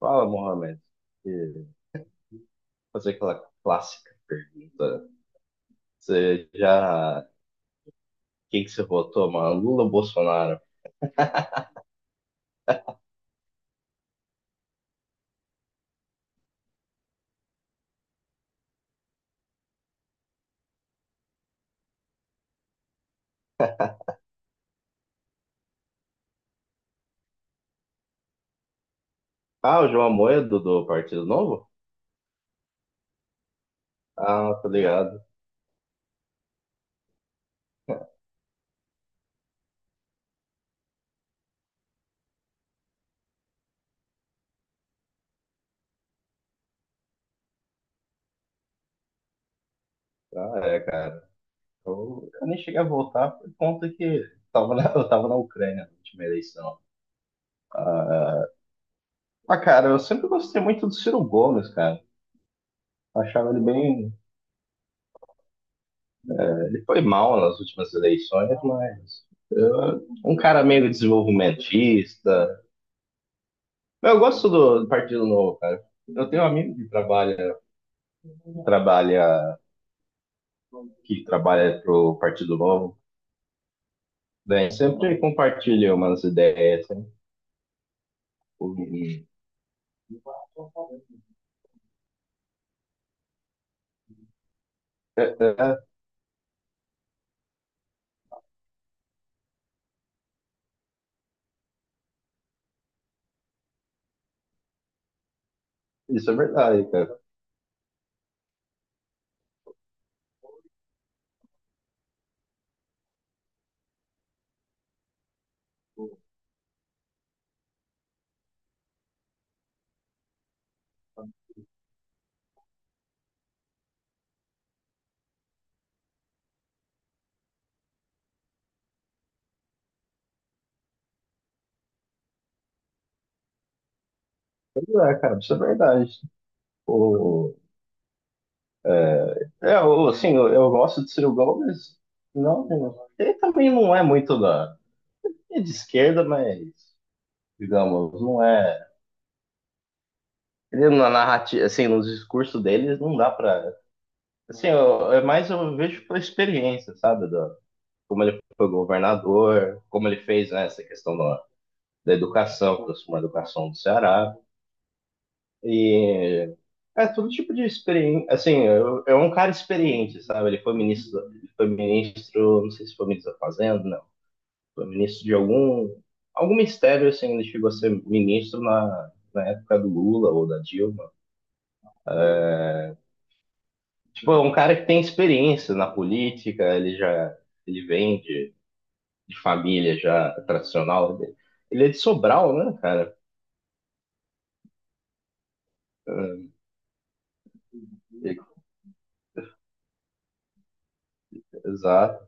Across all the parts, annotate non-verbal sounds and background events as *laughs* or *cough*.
Fala, Mohamed. E Fazer aquela clássica pergunta. Você já. Quem que você votou, mano? Lula ou Bolsonaro? Ah, o João Amoedo do Partido Novo? Ah, tá ligado. Ah, é, cara. Eu nem cheguei a votar por conta que *laughs* eu tava na Ucrânia na última eleição. Ah, mas, cara, eu sempre gostei muito do Ciro Gomes, cara. Achava ele bem. Ele foi mal nas últimas eleições. Um cara meio desenvolvimentista. Mas eu gosto do Partido Novo, cara. Eu tenho um amigo que trabalha, trabalha pro Partido Novo, né? Sempre compartilha umas ideias. E- É, é, isso é verdade, cara. É, cara, isso é verdade. O, é, o, assim, eu gosto de Ciro Gomes. Não, ele também não é é de esquerda, mas, digamos, não é. Ele, na narrativa, assim, nos discursos deles, não dá pra. Assim, eu, é mais eu vejo pela experiência, sabe? Do como ele foi governador, como ele fez, né, essa questão da educação, aproximou a educação do Ceará. E é todo tipo de experiência. Assim, é um cara experiente, sabe? Ele foi ministro, não sei se foi ministro da Fazenda, não. Foi ministro algum ministério, assim, ele chegou a ser ministro na época do Lula ou da Dilma. Tipo, é um cara que tem experiência na política, ele já, ele vende de família já tradicional. Ele é de Sobral, né, cara? Exato.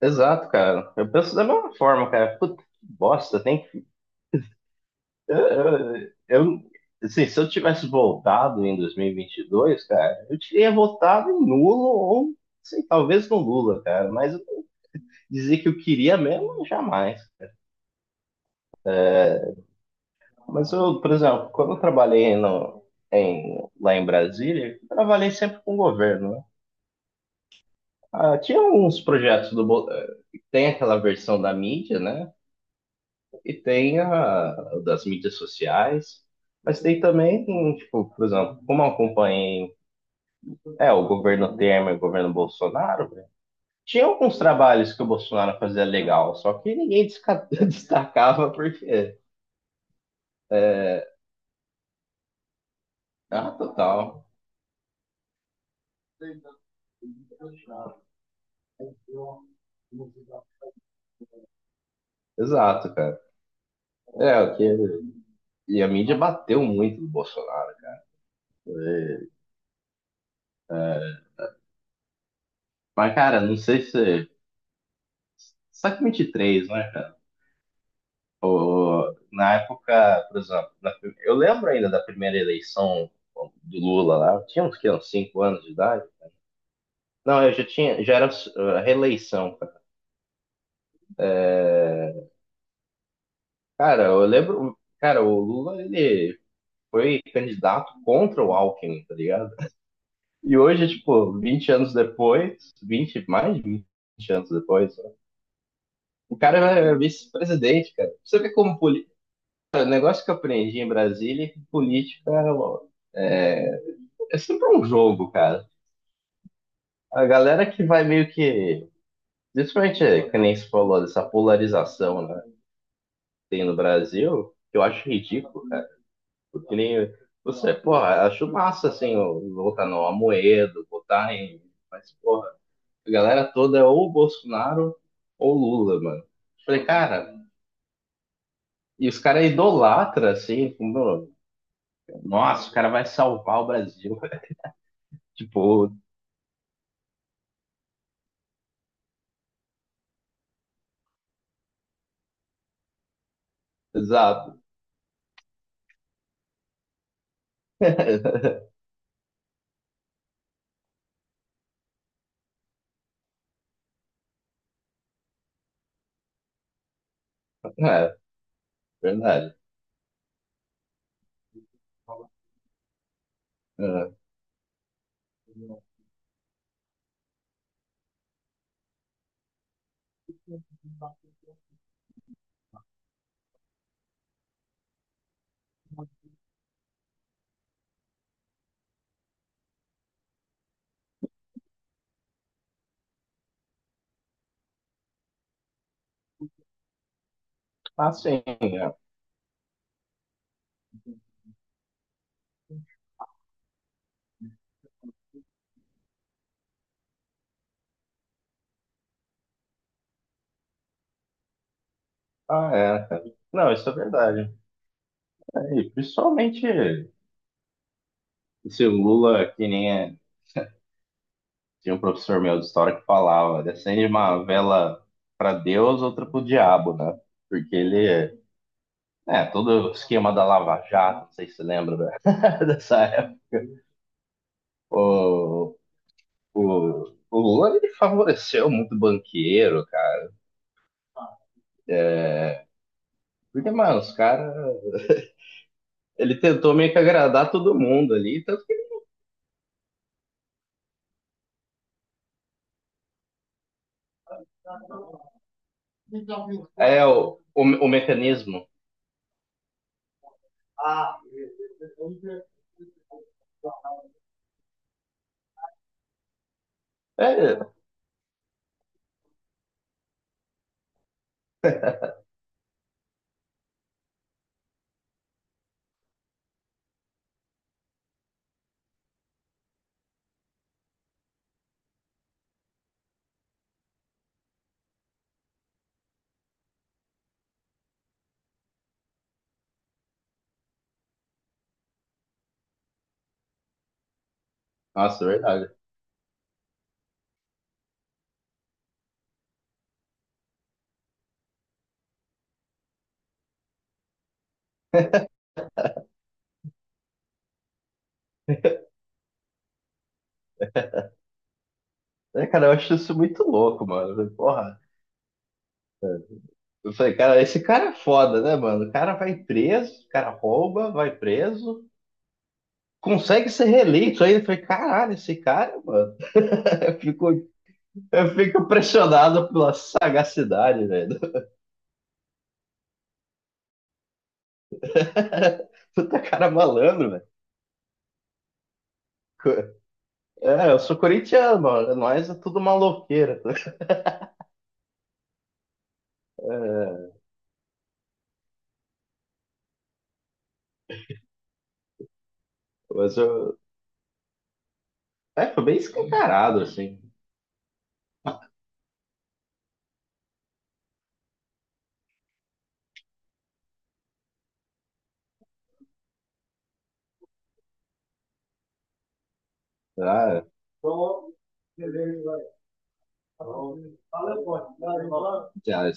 Exato, cara. Eu penso da mesma forma, cara. Puta que bosta, tem que. Eu, eu, eu- assim, se eu tivesse voltado em dois mil e vinte e dois cara, eu teria votado em nulo ou, sei, talvez no Lula, cara. Mas eu dizer que eu queria mesmo, jamais. Mas eu, por exemplo, quando eu trabalhei no, em, lá em Brasília, eu trabalhei sempre com o governo, né? Ah, tinha uns projetos do. Tem aquela versão da mídia, né? E tem a das mídias sociais. Mas tem também, tipo, por exemplo, como eu acompanhei, é, o governo Temer, o governo Bolsonaro, né? Tinha alguns trabalhos que o Bolsonaro fazia legal, só que ninguém *laughs* destacava porque. Ah, total. Exato, cara. É, o que. E a mídia bateu muito no Bolsonaro, né? Mas, cara, não sei se 123, né, cara? Na época, por exemplo, eu lembro ainda da primeira eleição do Lula lá, eu tinha uns, que, uns 5 anos de idade. Não, eu já tinha, já era reeleição, cara. Eu lembro, cara, o Lula, ele foi candidato contra o Alckmin, tá ligado? E hoje, tipo, vinte, mais de 20 anos depois, né, o cara é vice-presidente, cara. Você vê como política, o negócio que eu aprendi em Brasília é que política ó, é sempre um jogo, cara. A galera que vai meio que. Principalmente, é, que nem se falou, dessa polarização, né? Que tem no Brasil, que eu acho ridículo, cara. Porque nem. Você, porra, acho massa, assim, votar no Amoedo, votar em. Mas, porra, a galera toda é ou Bolsonaro ou Lula, mano. Eu falei, cara, e os caras idolatram, assim, como, nossa, o cara vai salvar o Brasil. Tipo, exato. *laughs* É, verdade. É. Ah, sim. É. Ah, é. Não, isso é verdade. É, e principalmente esse Lula, que nem é- tinha um professor meu de história que falava, acende uma vela para Deus, outra pro diabo, né? Porque ele, é, todo o esquema da Lava Jato, não sei se você lembra *laughs* dessa época. O, o Lula, ele favoreceu muito banqueiro, cara. Porque, mano, os caras, ele tentou meio que agradar todo mundo ali, tanto que é o mecanismo. Ah, é, nossa, é verdade. É, cara, eu acho isso muito louco, mano. Eu falei, porra. Eu falei, cara, esse cara é foda, né, mano? O cara vai preso, o cara rouba, vai preso, consegue ser reeleito. Aí eu falei, caralho, esse cara, mano. *laughs* Eu fico, eu fico impressionado pela sagacidade, velho. *laughs* Puta cara malandro, velho. É, eu sou corintiano, mano. Nós é tudo maloqueira. *laughs* É, mas eu. É, foi bem escancarado, assim. Ah, já.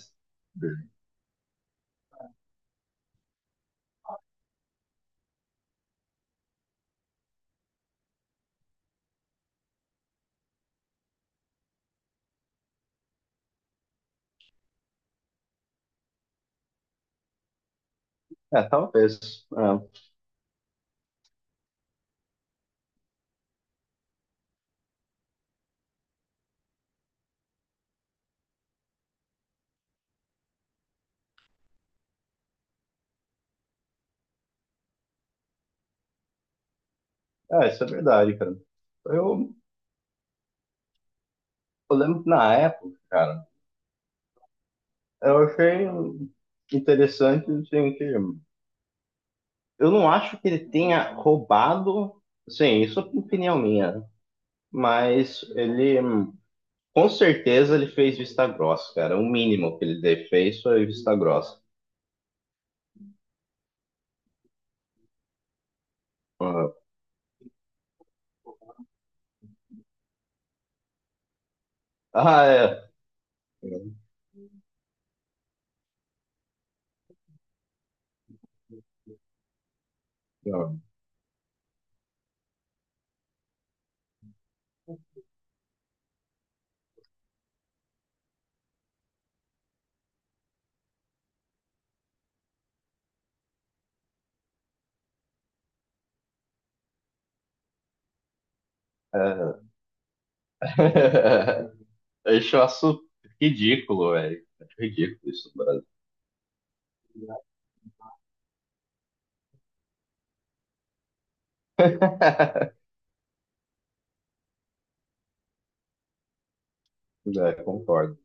É, talvez. É, é, isso é verdade, cara. Eu, eu lembro que na época, cara, eu achei interessante, assim, que eu não acho que ele tenha roubado, sim, isso é opinião minha, mas ele, com certeza, ele fez vista grossa, cara. O mínimo que ele fez foi vista grossa. Uhum. Ah, é. Não, é. *laughs* Deixa. Eu acho ridículo, velho. Acho ridículo isso no Brasil. *laughs* É, concordo.